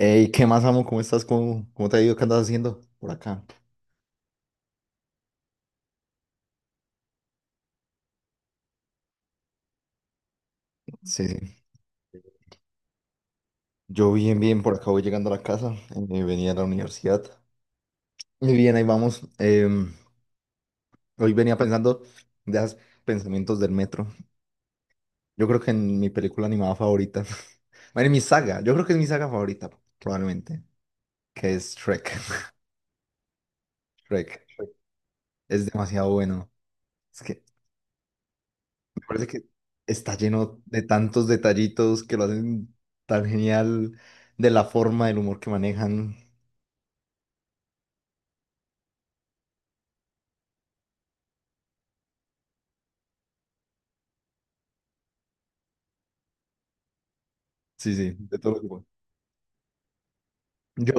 Ey, ¿qué más, amo? ¿Cómo estás? ¿Cómo te ha ido? ¿Qué andas haciendo por acá? Sí, sí. Yo bien, bien, por acá voy llegando a la casa. Venía a la universidad. Y bien, ahí vamos. Hoy venía pensando de esos pensamientos del metro. Yo creo que en mi película animada favorita. Bueno, en mi saga. Yo creo que es mi saga favorita, probablemente. Que es Shrek. Shrek. Shrek. Es demasiado bueno. Es que me parece que está lleno de tantos detallitos que lo hacen tan genial. De la forma, del humor que manejan. Sí, sí, de todo tipo. Yo,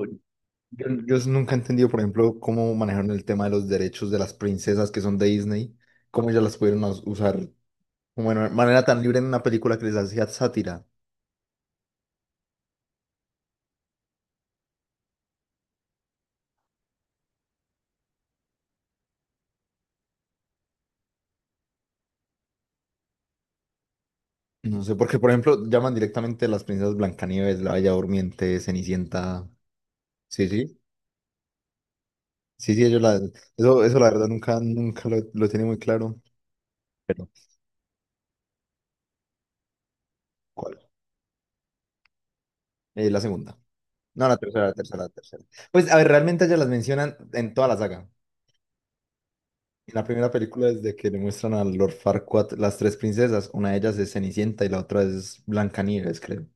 yo nunca he entendido, por ejemplo, cómo manejaron el tema de los derechos de las princesas que son de Disney, cómo ellas las pudieron usar como de manera tan libre en una película que les hacía sátira. No sé, porque, por ejemplo, llaman directamente a las princesas Blancanieves, la Bella Durmiente, Cenicienta. Sí, sí, sí, sí, ellos la, eso la verdad nunca, nunca lo, lo tiene muy claro. Pero, ¿cuál? La segunda. No, la tercera, la tercera, la tercera. Pues, a ver, realmente ellas las mencionan en toda la saga. En la primera película es de que le muestran a Lord Farquaad las tres princesas. Una de ellas es Cenicienta y la otra es Blancanieves, creo.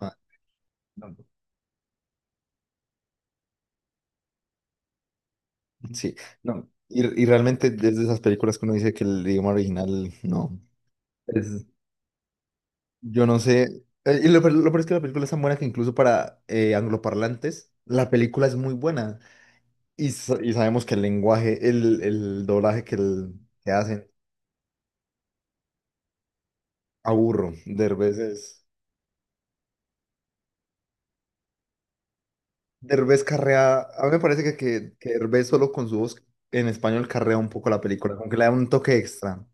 Ah, no. Sí, no. Y realmente desde esas películas que uno dice que el idioma original no. Es, yo no sé. Y lo, lo peor es que la película es tan buena que incluso para angloparlantes la película es muy buena. Y, y sabemos que el lenguaje, el doblaje que, que hacen, aburro. Derbez es. Derbez carrea, a mí me parece que Derbez solo con su voz en español carrea un poco la película, aunque le da un toque extra.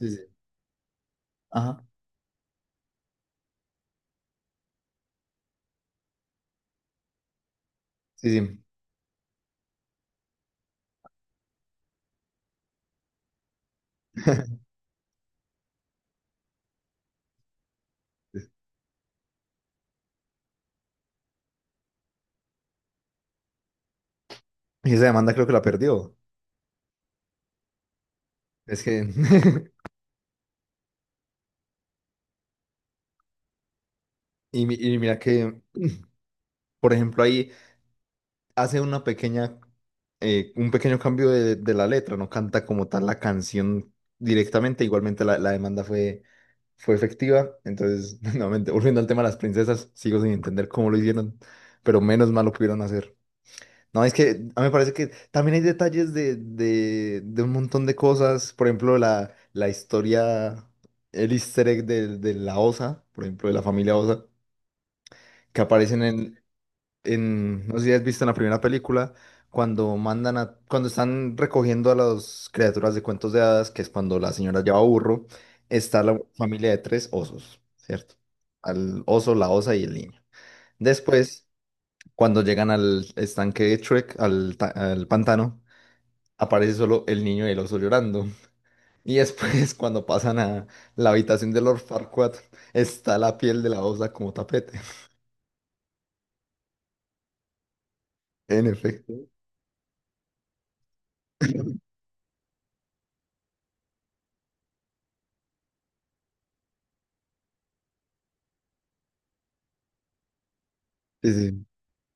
Sí, sí. Ajá, sí, sí. Y esa demanda creo que la perdió. Es que, y, y mira que, por ejemplo, ahí hace una pequeña, un pequeño cambio de la letra, no canta como tal la canción directamente, igualmente la, la demanda fue, fue efectiva. Entonces, nuevamente, volviendo al tema de las princesas, sigo sin entender cómo lo hicieron, pero menos mal lo pudieron hacer. No, es que a mí me parece que también hay detalles de un montón de cosas. Por ejemplo, la historia, el easter egg de la Osa, por ejemplo, de la familia Osa, que aparecen en, no sé si has visto en la primera película, cuando mandan a, cuando están recogiendo a las criaturas de cuentos de hadas, que es cuando la señora lleva burro, está la familia de tres osos, ¿cierto? Al oso, la osa y el niño. Después, cuando llegan al estanque de Shrek, al, al pantano, aparece solo el niño y el oso llorando. Y después, cuando pasan a la habitación de Lord Farquaad, está la piel de la osa como tapete. En efecto. Sí, sí.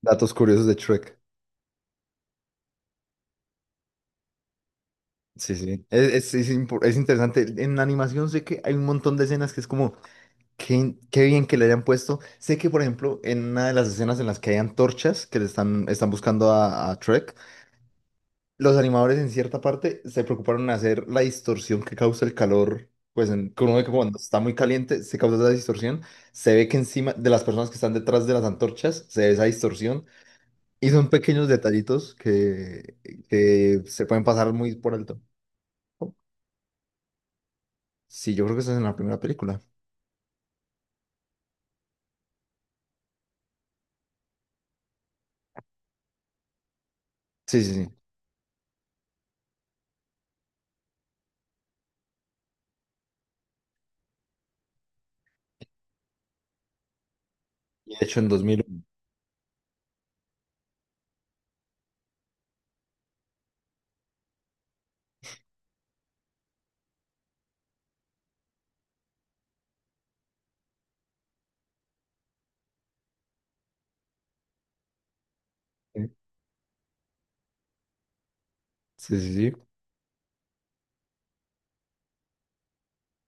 Datos curiosos de Shrek. Sí, sí. Es, es interesante. En la animación sé que hay un montón de escenas que es como, qué, qué bien que le hayan puesto. Sé que, por ejemplo, en una de las escenas en las que hay antorchas que le están, están buscando a Shrek, los animadores en cierta parte se preocuparon en hacer la distorsión que causa el calor, pues en, que uno ve que cuando está muy caliente se causa esa distorsión, se ve que encima de las personas que están detrás de las antorchas se ve esa distorsión y son pequeños detallitos que se pueden pasar muy por alto. Sí, yo creo que esa es en la primera película. Sí, sí, sí. Y de hecho, en 2001. Sí, sí, sí. Sí.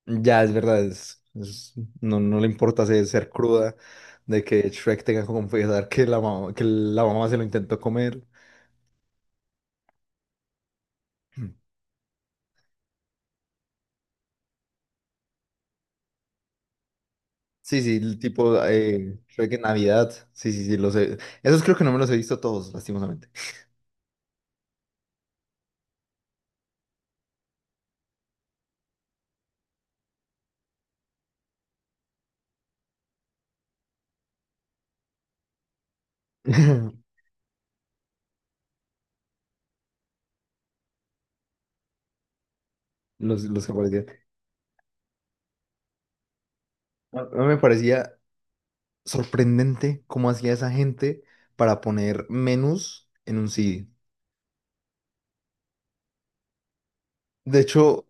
Ya es verdad, es, no, no le importa ser, ser cruda de que Shrek tenga que confesar que la mamá se lo intentó comer. Sí, sí, el tipo Shrek en Navidad. Sí, sí, sí, los he... Esos creo que no me los he visto todos, lastimosamente. Los que aparecían. A mí me parecía sorprendente cómo hacía esa gente para poner menús en un CD. De hecho,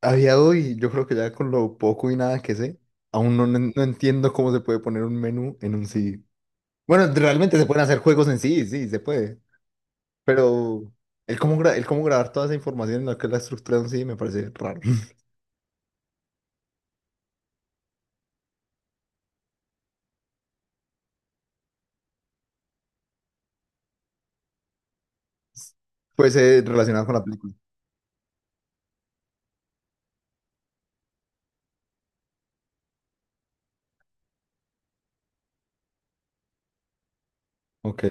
había hoy, yo creo que ya con lo poco y nada que sé, aún no, no entiendo cómo se puede poner un menú en un CD. Bueno, realmente se pueden hacer juegos en sí, sí, se puede. Pero el cómo, el cómo grabar toda esa información en la que es la estructura de un CD me parece raro. Pues relacionado con la película. Ok.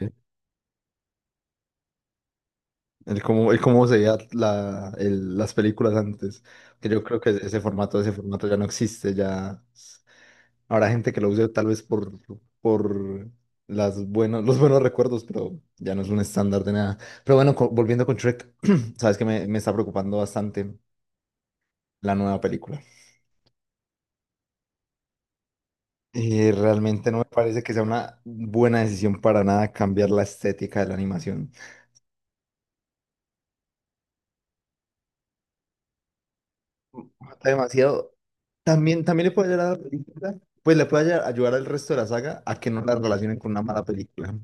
El cómo se veía la, las películas antes. Que yo creo que ese formato ya no existe. Ya habrá gente que lo use tal vez por las buenos, los buenos recuerdos, pero ya no es un estándar de nada. Pero bueno, volviendo con Shrek, sabes que me está preocupando bastante la nueva película. Realmente no me parece que sea una buena decisión para nada cambiar la estética de la animación. Demasiado. También, también le puede ayudar a la película, pues le puede ayudar al resto de la saga a que no la relacionen con una mala película.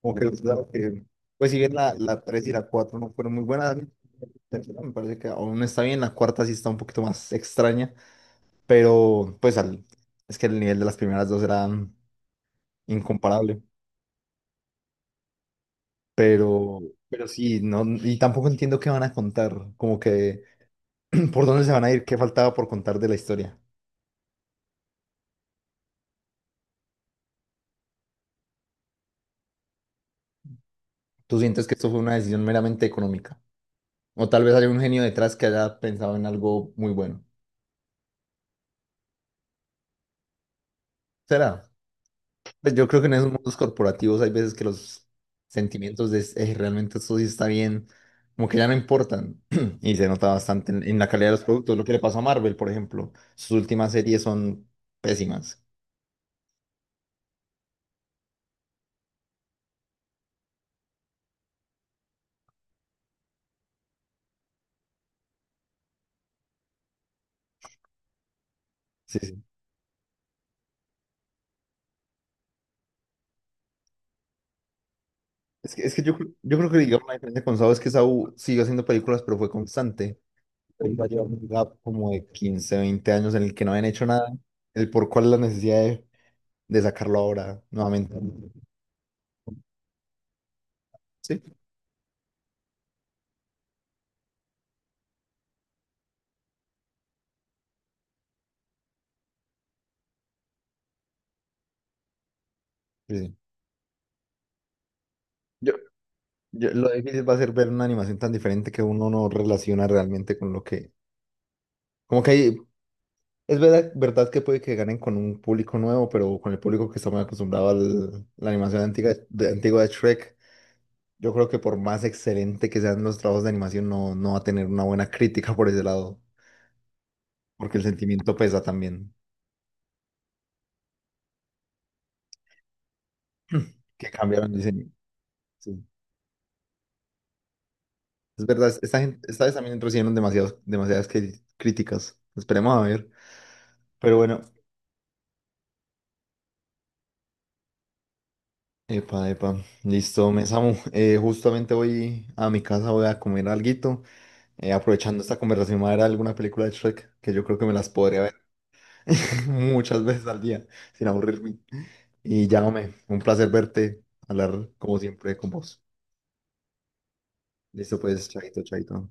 Como que, pues, claro que, pues si bien la, la 3 y la 4 no fueron muy buenas, a mí la tercera me parece que aún está bien, la cuarta sí está un poquito más extraña, pero pues al, es que el nivel de las primeras dos era incomparable, pero, pero sí, no, y tampoco entiendo qué van a contar, como que por dónde se van a ir, qué faltaba por contar de la historia. ¿Tú sientes que esto fue una decisión meramente económica? O tal vez haya un genio detrás que haya pensado en algo muy bueno. ¿Será? Pues yo creo que en esos mundos corporativos hay veces que los sentimientos de realmente esto sí está bien", como que ya no importan. Y se nota bastante en la calidad de los productos. Lo que le pasó a Marvel, por ejemplo. Sus últimas series son pésimas. Sí, sí. Es que yo, yo creo que digamos, la diferencia con Saw es que Saw siguió haciendo películas, pero fue constante. Él va a llevar un gap como de 15-20 años en el que no habían hecho nada. El por cuál la necesidad de sacarlo ahora nuevamente. Sí. Sí, sí. Yo, lo difícil va a ser ver una animación tan diferente que uno no relaciona realmente con lo que... Como que es verdad, verdad que puede que ganen con un público nuevo, pero con el público que está muy acostumbrado a la animación antigua de Shrek, yo creo que por más excelente que sean los trabajos de animación, no, no va a tener una buena crítica por ese lado, porque el sentimiento pesa también, que cambiaron el diseño. Sí. Es verdad, esta gente, esta vez también recibieron demasiados, críticas. Esperemos a ver. Pero bueno, epa, epa, listo, me Samu. Justamente voy a mi casa, voy a comer alguito. Aprovechando esta conversación, voy a ver alguna película de Shrek, que yo creo que me las podría ver muchas veces al día, sin aburrirme. Y llámame, un placer verte, hablar como siempre con vos. Listo, pues, chaito, chaito.